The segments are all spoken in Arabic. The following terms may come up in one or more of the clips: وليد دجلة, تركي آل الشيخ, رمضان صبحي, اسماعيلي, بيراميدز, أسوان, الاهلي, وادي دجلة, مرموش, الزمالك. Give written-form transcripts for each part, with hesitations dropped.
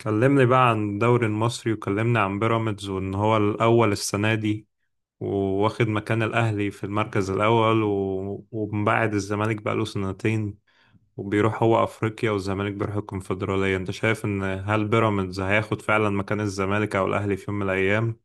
كلمني بقى عن الدوري المصري وكلمني عن بيراميدز وان هو الاول السنه دي وواخد مكان الاهلي في المركز الاول ومبعد الزمالك بقى له سنتين وبيروح هو افريقيا والزمالك بيروح الكونفدراليه انت شايف ان هل بيراميدز هياخد فعلا مكان الزمالك او الاهلي في يوم من الايام؟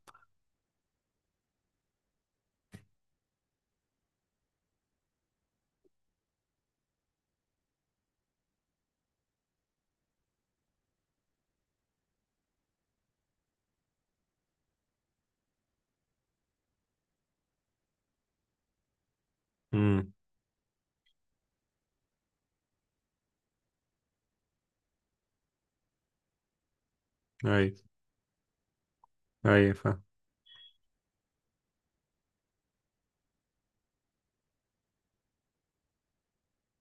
امم. اي. اي فاهم.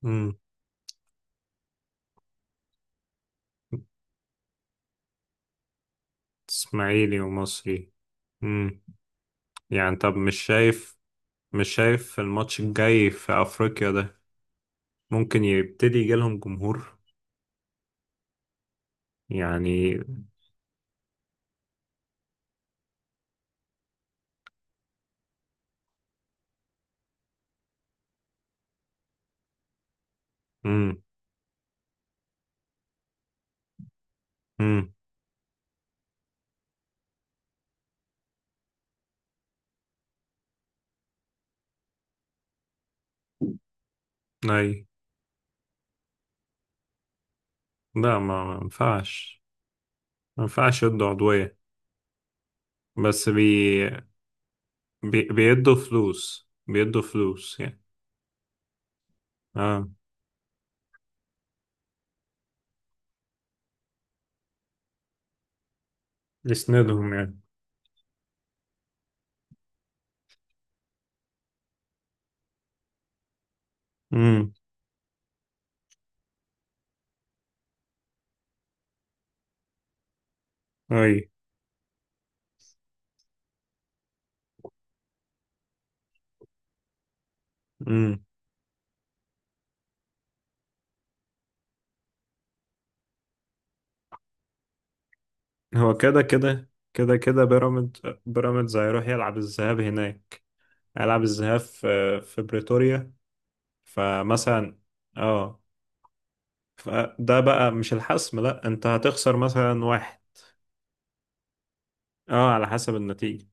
امم. اسماعيلي ومصري. امم. يعني طب مش شايف مش شايف الماتش الجاي في افريقيا ده ممكن يبتدي يجيلهم جمهور يعني؟ امم. امم. اي. لا ما ينفعش، ما ينفعش يدوا عضوية، بس بيدوا فلوس، بيدوا فلوس يعني. اه يسندهم يعني. امم. اي. امم. هو كده كده كده كده بيراميدز هيروح يلعب الذهاب هناك، هيلعب الذهاب في في بريتوريا فمثلا. اه فده بقى مش الحسم، لا انت هتخسر مثلا واحد. اه على حسب النتيجة،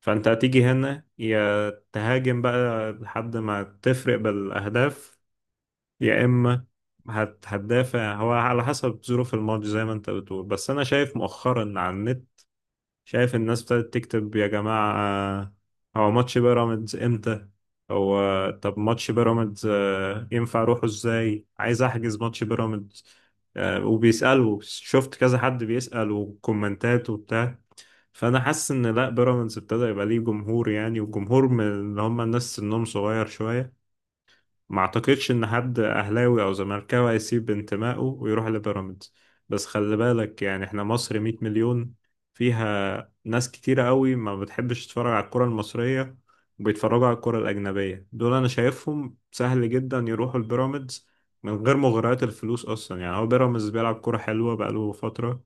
فانت هتيجي هنا يا تهاجم بقى لحد ما تفرق بالاهداف يا اما هتدافع، هو على حسب ظروف الماتش زي ما انت بتقول. بس انا شايف مؤخرا على النت شايف الناس ابتدت تكتب: يا جماعة هو ماتش بيراميدز امتى؟ هو طب ماتش بيراميدز آه، ينفع اروحه ازاي؟ عايز احجز ماتش بيراميدز آه، وبيسألوا. شفت كذا حد بيسأل وكومنتات وبتاع. فانا حاسس ان لا، بيراميدز ابتدى يبقى ليه جمهور يعني، وجمهور من اللي هم الناس سنهم صغير شويه. ما اعتقدش ان حد اهلاوي او زملكاوي هيسيب انتمائه ويروح لبيراميدز، بس خلي بالك يعني احنا مصر 100 مليون، فيها ناس كتيرة قوي ما بتحبش تتفرج على الكرة المصرية وبيتفرجوا على الكرة الأجنبية. دول أنا شايفهم سهل جدا يروحوا البيراميدز من غير مغريات الفلوس أصلا. يعني هو بيراميدز بيلعب كرة حلوة بقاله فترة،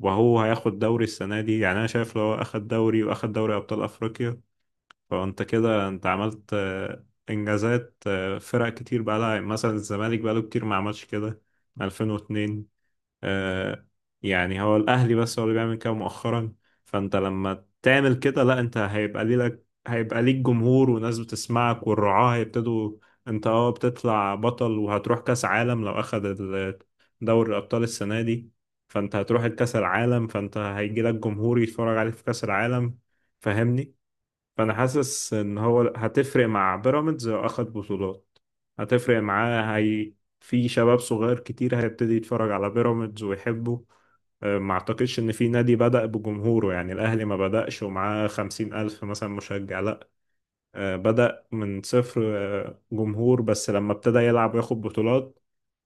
وهو هياخد دوري السنة دي. يعني أنا شايف لو هو أخد دوري وأخد دوري أبطال أفريقيا، فانت كده انت عملت آه، انجازات آه، فرق كتير بقى لها مثلا الزمالك بقى له كتير ما عملش كده. 2002 آه، يعني هو الاهلي بس هو اللي بيعمل كده مؤخرا. فانت لما تعمل كده، لا انت هيبقى ليك جمهور وناس بتسمعك والرعاة هيبتدوا. انت اه بتطلع بطل وهتروح كاس عالم لو اخد دوري الابطال السنه دي، فانت هتروح الكاس العالم، فانت هيجي لك جمهور يتفرج عليك في كاس العالم. فاهمني؟ فانا حاسس ان هو هتفرق مع بيراميدز لو اخد بطولات، هتفرق معاه هي. في شباب صغير كتير هيبتدي يتفرج على بيراميدز ويحبه. أه، ما اعتقدش ان في نادي بدأ بجمهوره، يعني الاهلي ما بدأش ومعاه خمسين الف مثلا مشجع، لا. أه، بدأ من صفر. أه، جمهور بس لما ابتدى يلعب وياخد بطولات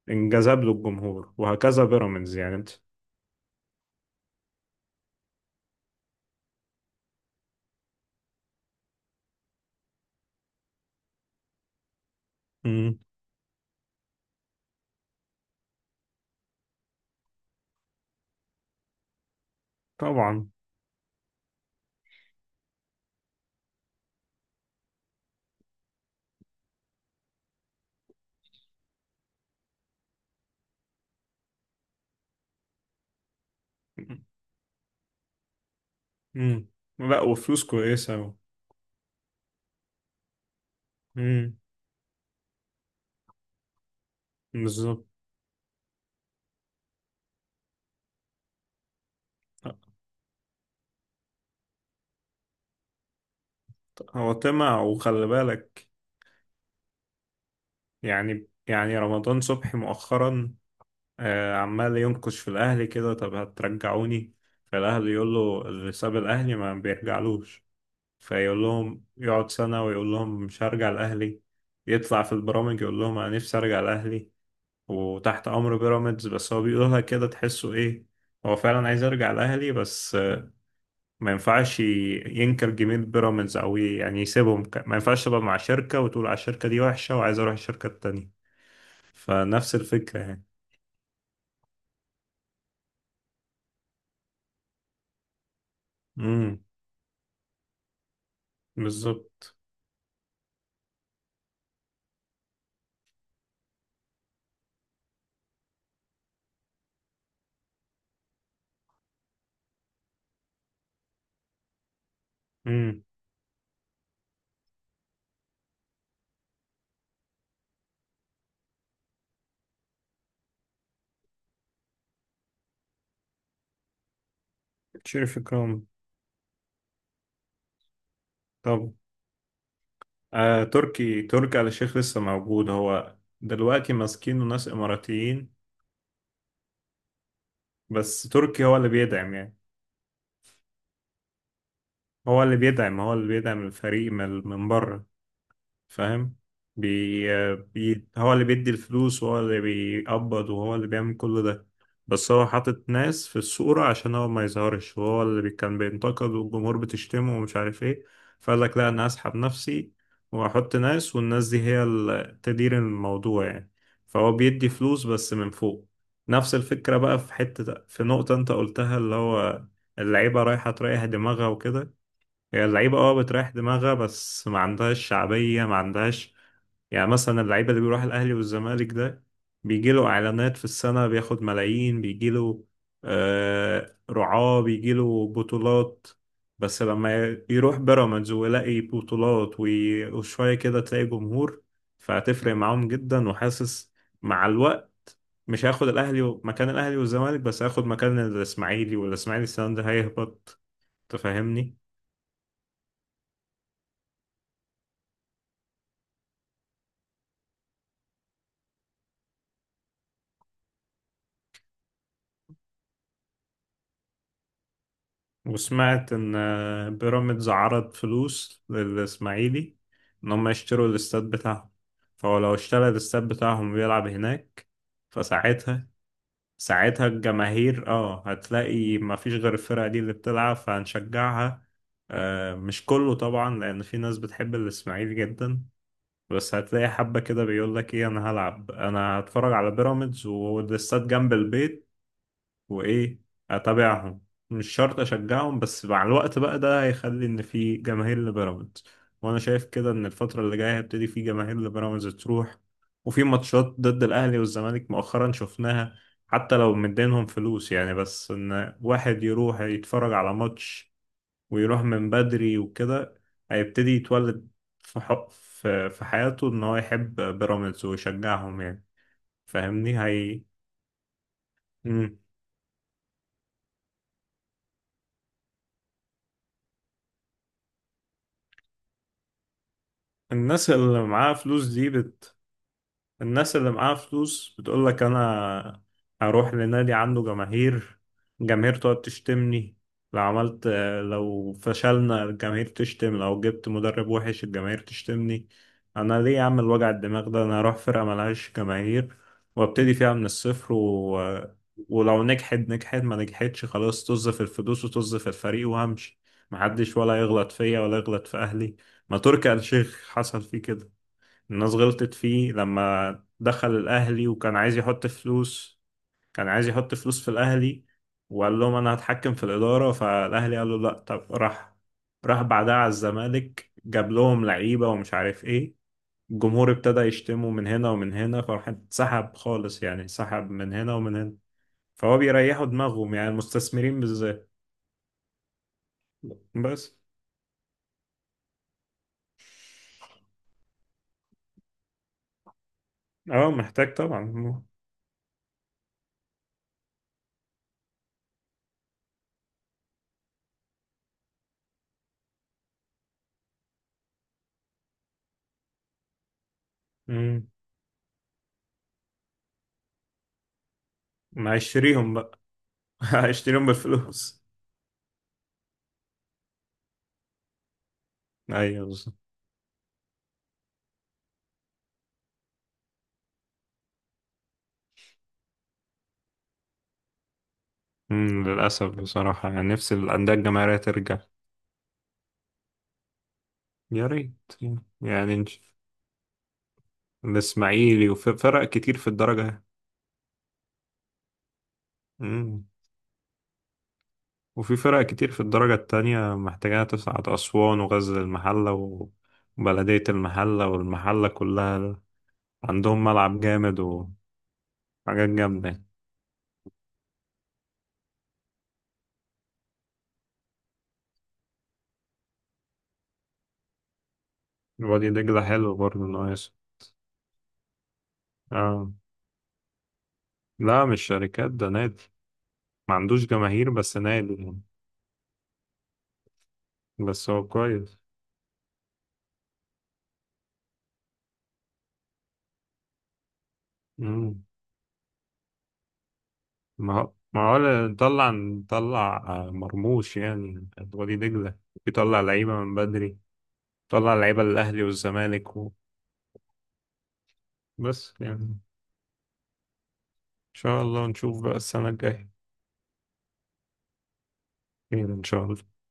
انجذب له الجمهور، وهكذا بيراميدز يعني انت. مم. طبعا. مم. لا وفلوس كويسة مم. بالظبط. هو طمع وخلي بالك، يعني يعني رمضان صبحي مؤخرا آه، عمال ينكش في الأهلي كده: طب هترجعوني؟ فالأهلي يقول له: اللي ساب الأهلي ما بيرجعلوش. فيقول لهم، يقعد سنة ويقول لهم مش هرجع الأهلي، يطلع في البرامج يقول لهم أنا نفسي أرجع الأهلي وتحت أمر بيراميدز. بس هو بيقولها كده تحسه إيه، هو فعلا عايز يرجع الأهلي. بس ما ينفعش ينكر جميل بيراميدز او يعني يسيبهم ما ينفعش تبقى مع شركة وتقول على الشركة دي وحشة وعايز اروح الشركة التانية. فنفس الفكرة يعني. امم. بالظبط. امم. شريف إكرام. طب آه، تركي آل الشيخ لسه موجود هو دلوقتي، ماسكينه ناس إماراتيين، بس تركي هو اللي بيدعم يعني. هو اللي بيدعم، هو اللي بيدعم الفريق من بره. فاهم؟ هو اللي بيدي الفلوس وهو اللي بيقبض وهو اللي بيعمل كل ده، بس هو حاطط ناس في الصورة عشان هو ما يظهرش. وهو اللي كان بينتقد، والجمهور بتشتمه ومش عارف ايه، فقال لك: لا انا هسحب نفسي واحط ناس، والناس دي هي اللي تدير الموضوع يعني. فهو بيدي فلوس بس من فوق. نفس الفكرة بقى في حتة، في نقطة انت قلتها اللي هو اللعيبة رايحة تريح دماغها وكده. هي اللعيبة اه بتريح دماغها بس ما عندهاش شعبية، ما عندهاش يعني. مثلا اللعيبة اللي بيروح الأهلي والزمالك ده بيجيله إعلانات في السنة بياخد ملايين، بيجيله آه رعاة، بيجيله بطولات. بس لما يروح بيراميدز ويلاقي بطولات وشوية كده تلاقي جمهور، فهتفرق معاهم جدا. وحاسس مع الوقت مش هياخد الأهلي مكان الأهلي والزمالك، بس هياخد مكان الإسماعيلي، والإسماعيلي السنة دي هيهبط. تفهمني؟ وسمعت إن آه، بيراميدز عرض فلوس للإسماعيلي إن هم يشتروا الاستاد بتاعهم، فهو لو اشترى الاستاد بتاعهم ويلعب هناك فساعتها، ساعتها الجماهير اه هتلاقي ما فيش غير الفرقة دي اللي بتلعب فهنشجعها. آه مش كله طبعا لأن في ناس بتحب الإسماعيلي جدا، بس هتلاقي حبة كده بيقول لك ايه انا هلعب، انا هتفرج على بيراميدز والاستاد جنب البيت، وايه اتابعهم، مش شرط اشجعهم. بس مع الوقت بقى ده هيخلي ان في جماهير لبيراميدز. وانا شايف كده ان الفتره اللي جايه هيبتدي في جماهير لبيراميدز تروح، وفي ماتشات ضد الاهلي والزمالك مؤخرا شفناها. حتى لو مدينهم فلوس يعني، بس ان واحد يروح يتفرج على ماتش ويروح من بدري وكده، هيبتدي يتولد في ح- في في حياته ان هو يحب بيراميدز ويشجعهم يعني. فاهمني هي؟ مم. الناس اللي معاها فلوس دي، الناس اللي معاها فلوس بتقول لك: انا هروح لنادي عنده جماهير، الجماهير تقعد تشتمني لو عملت، لو فشلنا الجماهير تشتم، لو جبت مدرب وحش الجماهير تشتمني، انا ليه اعمل وجع الدماغ ده؟ انا اروح فرقة ملهاش جماهير وابتدي فيها من الصفر ولو نجحت نجحت، ما نجحتش خلاص طز في الفلوس وطز في الفريق وهمشي، محدش ولا يغلط فيا ولا يغلط في اهلي. ما تركي آل الشيخ حصل فيه كده، الناس غلطت فيه لما دخل الأهلي وكان عايز يحط فلوس، كان عايز يحط فلوس في الأهلي وقال لهم أنا هتحكم في الإدارة، فالأهلي قال له لأ. طب راح راح بعدها على الزمالك، جاب لهم لعيبة ومش عارف إيه، الجمهور ابتدى يشتمه من هنا ومن هنا، فراح اتسحب خالص يعني، اتسحب من هنا ومن هنا. فهو بيريحوا دماغهم يعني المستثمرين بالذات. بس اه محتاج طبعا. مم. ما هيشتريهم بقى. هيشتريهم بالفلوس. ايوه. مم، للأسف بصراحة يعني نفسي الأندية الجماهيرية ترجع. يا ريت. يعني الإسماعيلي وفي فرق كتير في الدرجة. مم. وفي فرق كتير في الدرجة التانية محتاجة تصعد، أسوان وغزل المحلة وبلدية المحلة والمحلة كلها عندهم ملعب جامد وحاجات جامدة يعني. وادي دجلة حلو برضه ناقص. آه. لا مش شركات، ده نادي ما عندوش جماهير، بس نادي يعني. بس هو كويس. ما هو ما هو لا- نطلع، آه، مرموش يعني وليد دجلة، يطلع لعيبة من بدري، يطلع لعيبة للأهلي والزمالك. وبس يعني، إن شاء الله نشوف بقى السنة الجاية. خير إن شاء الله.